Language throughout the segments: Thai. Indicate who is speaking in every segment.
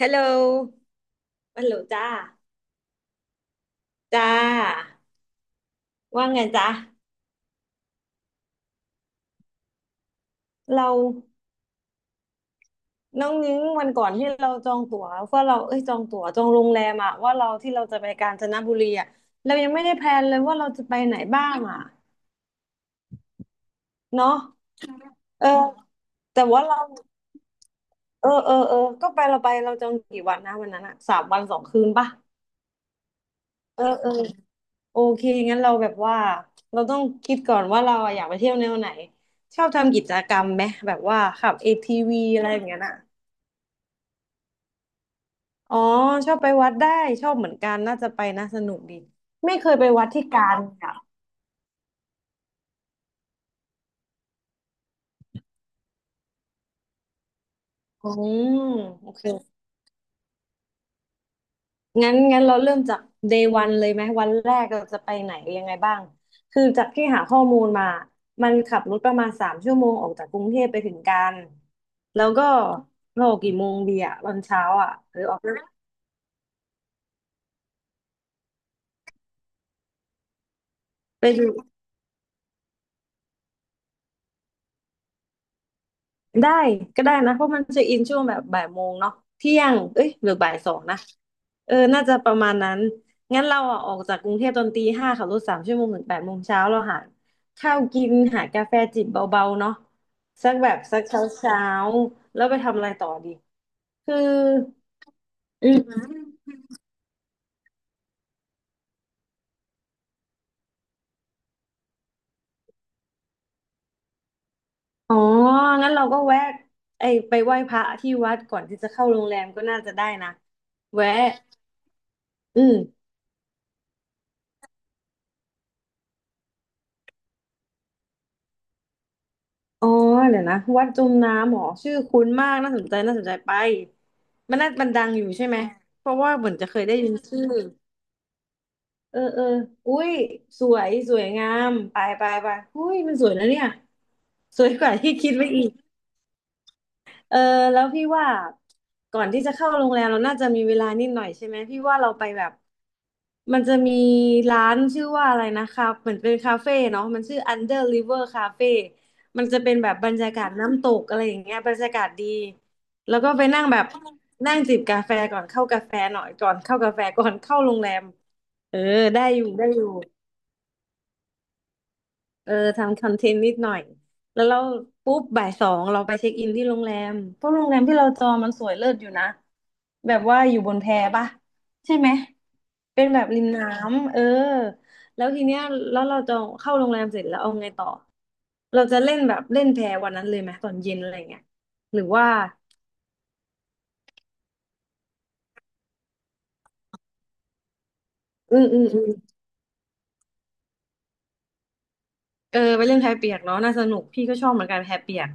Speaker 1: ฮัลโหลฮัลโหลจ้าจ้าว่าไงจ้าเราน้องนิ้งวันก่อนที่เราจองตั๋วว่าเราเอ้ยจองตั๋วจองโรงแรมอะว่าเราที่เราจะไปกาญจนบุรีอะเรายังไม่ได้แพลนเลยว่าเราจะไปไหนบ้างอะเนาะเออแต่ว่าเราเออก็ไปเราไปเราจองกี่วันนะวันนั้นอะสามวันสองคืนปะเออเออโอเคงั้นเราแบบว่าเราต้องคิดก่อนว่าเราอะอยากไปเที่ยวแนวไหนชอบทำกิจกรรมไหมแบบว่าขับ ATV อทีวีอะไรอย่างเงี้ยน่ะ อ๋อชอบไปวัดได้ชอบเหมือนกันน่าจะไปนะสนุกดีไม่เคยไปวัดที่กาญอ่ะอืมโอเคงั้นเราเริ่มจาก day one เลยไหมวันแรกเราจะไปไหนยังไงบ้างคือจากที่หาข้อมูลมามันขับรถประมาณสามชั่วโมงออกจากกรุงเทพไปถึงกาญแล้วก็เราออกกี่โมงดีอ่ะตอนเช้าอ่ะหรือออกไปดู ได้ก็ได้นะเพราะมันจะอินช่วงแบบบ่ายโมงเนาะเที่ยงเอ้ยหรือบ่ายสองนะเออน่าจะประมาณนั้นงั้นเราอ่ะออกจากกรุงเทพตอนตีห้าขับรถสามชั่วโมงถึงแปดโมงเช้าเราหาข้าวกินหากาแฟจิบเบาๆเนาะสักแบบสักเช้าเช้าแล้วไปทำอะไรต่อดีคืออืมอ๋องั้นเราก็แวะไอไปไหว้พระที่วัดก่อนที่จะเข้าโรงแรมก็น่าจะได้นะแวะอืม อ๋อเดี๋ยวนะวัดจมน้ำเหรอชื่อคุ้นมากน่าสนใจน่าสนใจไปมันน่ามันดังอยู่ใช่ไหมเพราะว่าเหมือนจะเคยได้ยินชื่อเออเอออุ้ยสวยสวยงามไปไปไปอุ้ยมันสวยนะเนี่ยสวยกว่าที่คิดไว้อีก เออแล้วพี่ว่าก่อนที่จะเข้าโรงแรมเราน่าจะมีเวลานิดหน่อยใช่ไหมพี่ว่าเราไปแบบมันจะมีร้านชื่อว่าอะไรนะคะเหมือนเป็นคาเฟ่เนาะมันชื่อ Under River Cafe มันจะเป็นแบบบรรยากาศน้ำตกอะไรอย่างเงี้ยบรรยากาศดีแล้วก็ไปนั่งแบบนั่งจิบกาแฟก่อนเข้ากาแฟหน่อยก่อนเข้ากาแฟก่อนเข้าโรงแรมเออได้อยู่ได้อยู่ เออทำคอนเทนต์นิดหน่อยแล้วเราปุ๊บบ่ายสองเราไปเช็คอินที่โรงแรมเพราะโรงแรมที่เราจองมันสวยเลิศอยู่นะแบบว่าอยู่บนแพปะใช่ไหมเป็นแบบริมน้ำเออแล้วทีเนี้ยแล้วเราจองเข้าโรงแรมเสร็จแล้วเอาไงต่อเราจะเล่นแบบเล่นแพวันนั้นเลยไหมตอนเย็นอะไรเงี้ยหรือว่าอืมเออไปเล่นแพเปียกเนาะน่าสนุกพี่ก็ชอบเหมือนกันแพเปียก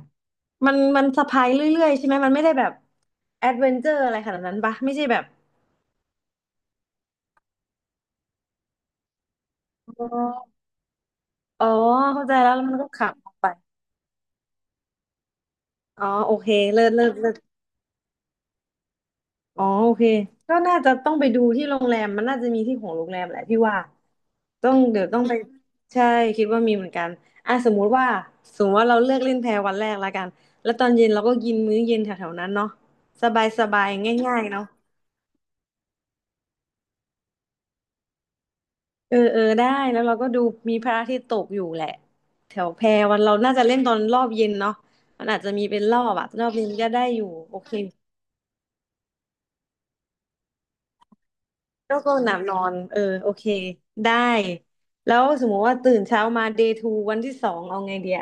Speaker 1: มันสะพายเรื่อยๆใช่ไหมมันไม่ได้แบบแอดเวนเจอร์อะไรขนาดนั้นปะไม่ใช่แบบ อ๋ออ๋อเข้าใจแล้วแล้วมันก็ขำออกไปอ๋อโอเคเลิศเลิศเลิศอ๋อโอเคก็น่าจะต้องไปดูที่โรงแรมมันน่าจะมีที่ของโรงแรมแหละพี่ว่าต้องเดี๋ยวต้องไปใช่คิดว่ามีเหมือนกันอ่ะสมมติว่าเราเลือกเล่นแพวันแรกละกันแล้วตอนเย็นเราก็กินมื้อเย็นแถวๆนั้นเนาะสบายสบายง่ายๆเนาะเออเออได้แล้วเราก็ดูมีพระอาทิตย์ตกอยู่แหละแถวแพวันเราน่าจะเล่นตอนรอบเย็นเนาะมันอาจจะมีเป็นรอบอะรอบเย็นก็ได้อยู่โอเค โรคลมหนาวนอนเออโอเคได้แล้วสมมติว่าตื่นเช้ามา day two วันที่สองเอาไงเดีย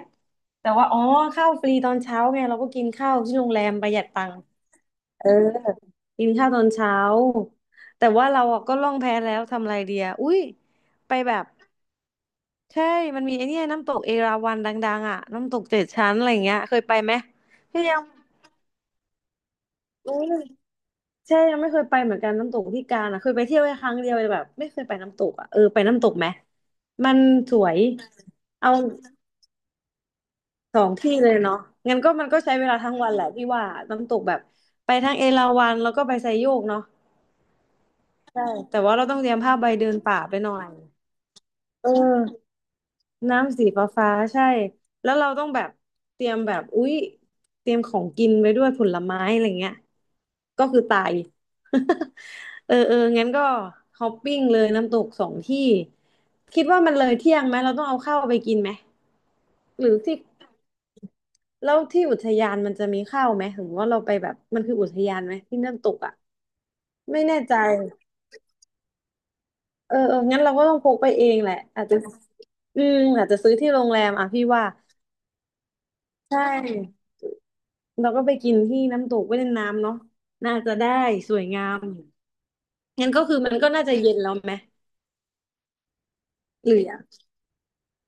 Speaker 1: แต่ว่าอ๋อข้าวฟรีตอนเช้าไงเราก็กินข้าวที่โรงแรมประหยัดตังค์เออกินข้าวตอนเช้าแต่ว่าเราอะก็ล่องแพแล้วทำอะไรเดียอุ้ยไปแบบใช่มันมีไอเนี่ยน้ำตกเอราวัณดังๆอ่ะน้ำตกเจ็ดชั้นอะไรอย่างเงี้ยเคยไปไหมพี่ยังโอ้ ใช่ยังไม่เคยไปเหมือนกันน้ำตกที่กาญอ่ะเคยไปเที่ยวแค่ครั้งเดียวเลยแบบไม่เคยไปน้ำตกอ่ะเออไปน้ำตกไหมมันสวยเอาสองที่เลยเนาะงั้นก็มันก็ใช้เวลาทั้งวันแหละพี่ว่าน้ำตกแบบไปทั้งเอราวัณแล้วก็ไปไซโยกเนาะใช่แต่ว่าเราต้องเตรียมผ้าใบเดินป่าไปหน่อยเออ น้ำสีฟ้าฟ้าใช่แล้วเราต้องแบบเตรียมแบบอุ๊ยเตรียมของกินไปด้วยผลไม้อะไรเงี้ยก็คือตาย เออเอองั้นก็ฮอปปิ้งเลยน้ำตกสองที่คิดว่ามันเลยเที่ยงไหมเราต้องเอาข้าวไปกินไหมหรือที่แล้วที่อุทยานมันจะมีข้าวไหมหรือว่าเราไปแบบมันคืออุทยานไหมที่น้ำตกอ่ะไม่แน่ใจเออเอองั้นเราก็ต้องพกไปเองแหละอาจจะอืมอาจจะซื้อที่โรงแรมอ่ะพี่ว่าใช่ เราก็ไปกินที่น้ำตกไปเล่นน้ำเนาะน่าจะได้สวยงามอยู่งั้นก็คือมันก็น่าจะเย็นแล้วไหมหรืออ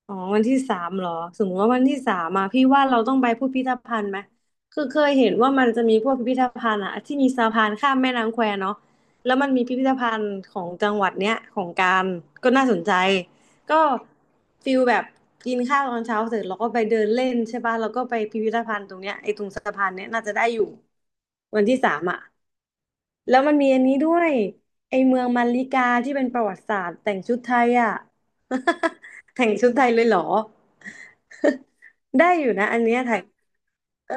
Speaker 1: อ๋อวันที่สามเหรอสมมติว่าวันที่สามมาพี่ว่าเราต้องไปพิพิธภัณฑ์ไหมคือเคยเห็นว่ามันจะมีพวกพิพิธภัณฑ์อะที่มีสะพานข้ามแม่น้ำแควเนาะแล้วมันมีพิพิธภัณฑ์ของจังหวัดเนี้ยของการก็น่าสนใจก็ฟิลแบบกินข้าวตอนเช้าเสร็จเราก็ไปเดินเล่นใช่ป่ะแล้วก็ไปพิพิธภัณฑ์ตรงเนี้ยไอ้ตรงสะพานเนี้ยน่าจะได้อยู่ วันที่สามอ่ะแล้วมันมีอันนี้ด้วยไอเมืองมัลลิกาที่เป็นประวัติศาสตร์แต่งชุดไทยอ่ะ แต่งชุดไทยเลยเหรอ ได้อยู่นะอันเนี้ยถ่ายเออ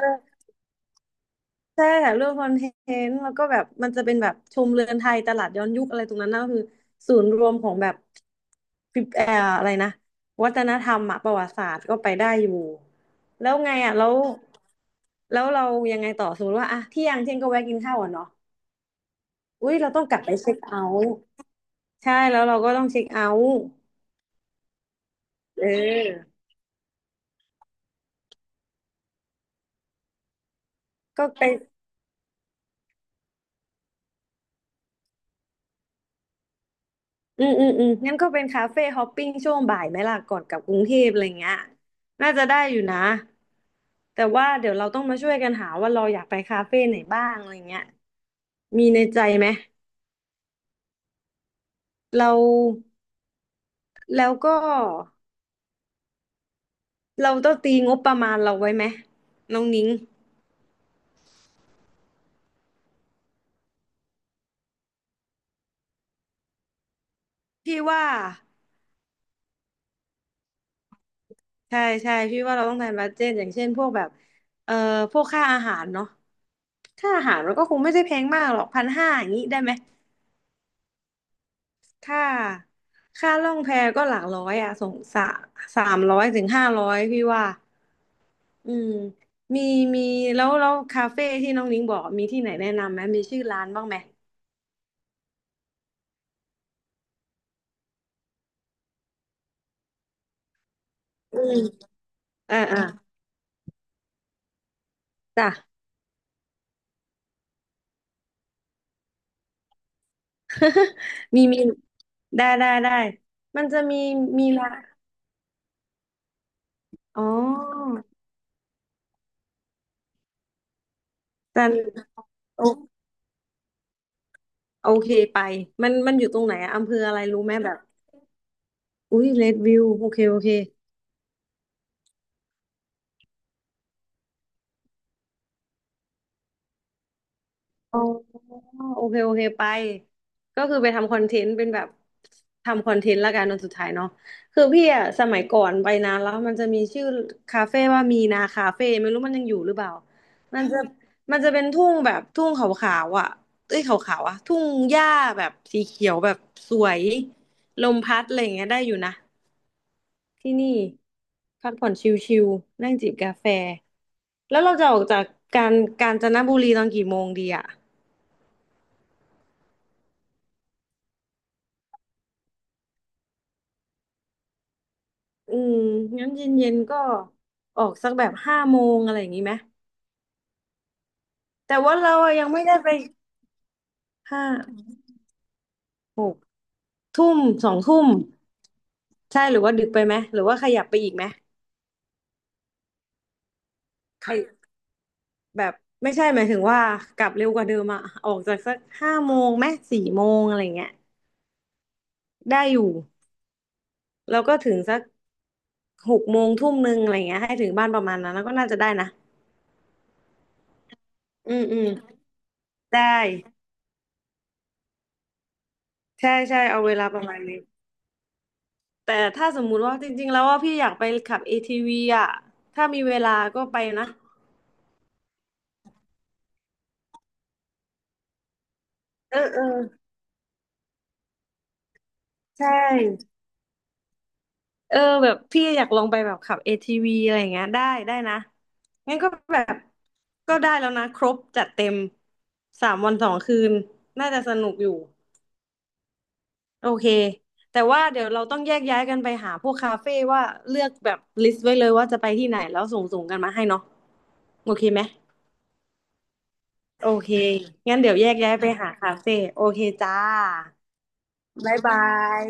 Speaker 1: ใช่ถ่ายรูปคอนเทนต์แล้วก็แบบมันจะเป็นแบบชมเรือนไทยตลาดย้อนยุคอะไรตรงนั้นนะก็คือศูนย์รวมของแบบฟิเอ่ออะไรนะวัฒนธรรมอะประวัติศาสตร์ก็ไปได้อยู่แล้วไงอ่ะแล้วแล้วเรายังไงต่อสมมติว่าอะเที่ยงเที่ยงก็แวะกินข้าวอ่ะเนาะ อุ้ยเราต้องกลับไปเช็คเอาท์ใช่แล้วเราก็ต้องเช็คเอาท์เออ ก็ไปงั้นก็เป็นคาเฟ่ฮอปปิ้งช่วงบ่ายไหมล่ะก่อนกลับกรุงเทพอะไรเงี้ยน่าจะได้อยู่นะแต่ว่าเดี๋ยวเราต้องมาช่วยกันหาว่าเราอยากไปคาเฟ่ไหนบ้างอะไรเงี้ยมีในใจไหมเราแล้วก็เราต้องตีงบประมาณเราไว้ไหมน้องนิ้งพี่ว่าใช่ใช่พี่ว่าเราต้องทำบัดเจ็ตอย่างเช่นพวกแบบเอ่อพวกค่าอาหารเนาะ ค่าอาหารมันก็คงไม่ใช่แพงมากหรอกพันห้าอย่างนี้ได้ไหมค่าค่าล่องแพก็หลักร้อยอ่ะสงสะสามร้อยถึงห้าร้อยพี่ว่าอืมมีมีแล้วคาเฟ่ที่น้องนิ้งบอกมีที่ไหนแนะนำไหมมีชื่อร้านบ้างไหมอืมอ่าอ่าจ้ะ มีมีได้ได้ได้มันจะมีร้านอ๋อจันโอโอเคไปมันมันอยู่ตรงไหนอะอำเภออะไรรู้ไหมแบบอุ้ยเรดวิวโอเคโอเค อ๋อโอเคโอเคไปก็คือไปทำคอนเทนต์เป็นแบบทำคอนเทนต์ละกันตอนสุดท้ายเนาะคือพี่อะสมัยก่อนไปนานแล้วมันจะมีชื่อคาเฟ่ว่ามีนาคาเฟ่ไม่รู้มันยังอยู่หรือเปล่ามันจะมันจะเป็นทุ่งแบบทุ่งขาวๆอ่ะเอ้ยขาวๆอ่ะทุ่งหญ้าแบบสีเขียวแบบสวยลมพัดอะไรอย่างเงี้ยได้อยู่นะที่นี่พักผ่อนชิลๆนั่งจิบกาแฟแล้วเราจะออกจากกาญกาญจนบุรีตอนกี่โมงดีอะ อืมงั้นเย็นๆก็ออกสักแบบห้าโมงอะไรอย่างนี้ไหมแต่ว่าเราอะยังไม่ได้ไปห้าหกทุ่มสองทุ่มใช่หรือว่าดึกไปไหมหรือว่าขยับไปอีกไหมขยับแบบไม่ใช่หมายถึงว่ากลับเร็วกว่าเดิมอะออกจากสักห้าโมงไหมสี่โมงอะไรเงี้ยได้อยู่แล้วก็ถึงสักหกโมงทุ่มนึงอะไรเงี้ยให้ถึงบ้านประมาณนั้นแล้วก็น่าจะได้นะอืมอืมได้ใช่ใช่เอาเวลาประมาณนี้ แต่ถ้าสมมุติว่าจริงๆแล้วว่าพี่อยากไปขับ ATV อทีวีอ่ะถ้ามีเวลาก็ไปนะ เออเออใช่ เออแบบพี่อยากลองไปแบบขับ ATV อทีวีอะไรอย่างเงี้ยได้ได้นะ งั้นก็แบบก็ได้แล้วนะครบจัดเต็มสามวันสองคืนน่าจะสนุกอยู่โอเคแต่ว่าเดี๋ยวเราต้องแยกย้ายกันไปหาพวกคาเฟ่ว่าเลือกแบบลิสต์ไว้เลยว่าจะไปที่ไหนแล้วส่งกันมาให้เนาะโอเคไหม โอเค งั้นเดี๋ยวแยกย้ายไปหาคาเฟ่โอเคจ้าบ๊ายบาย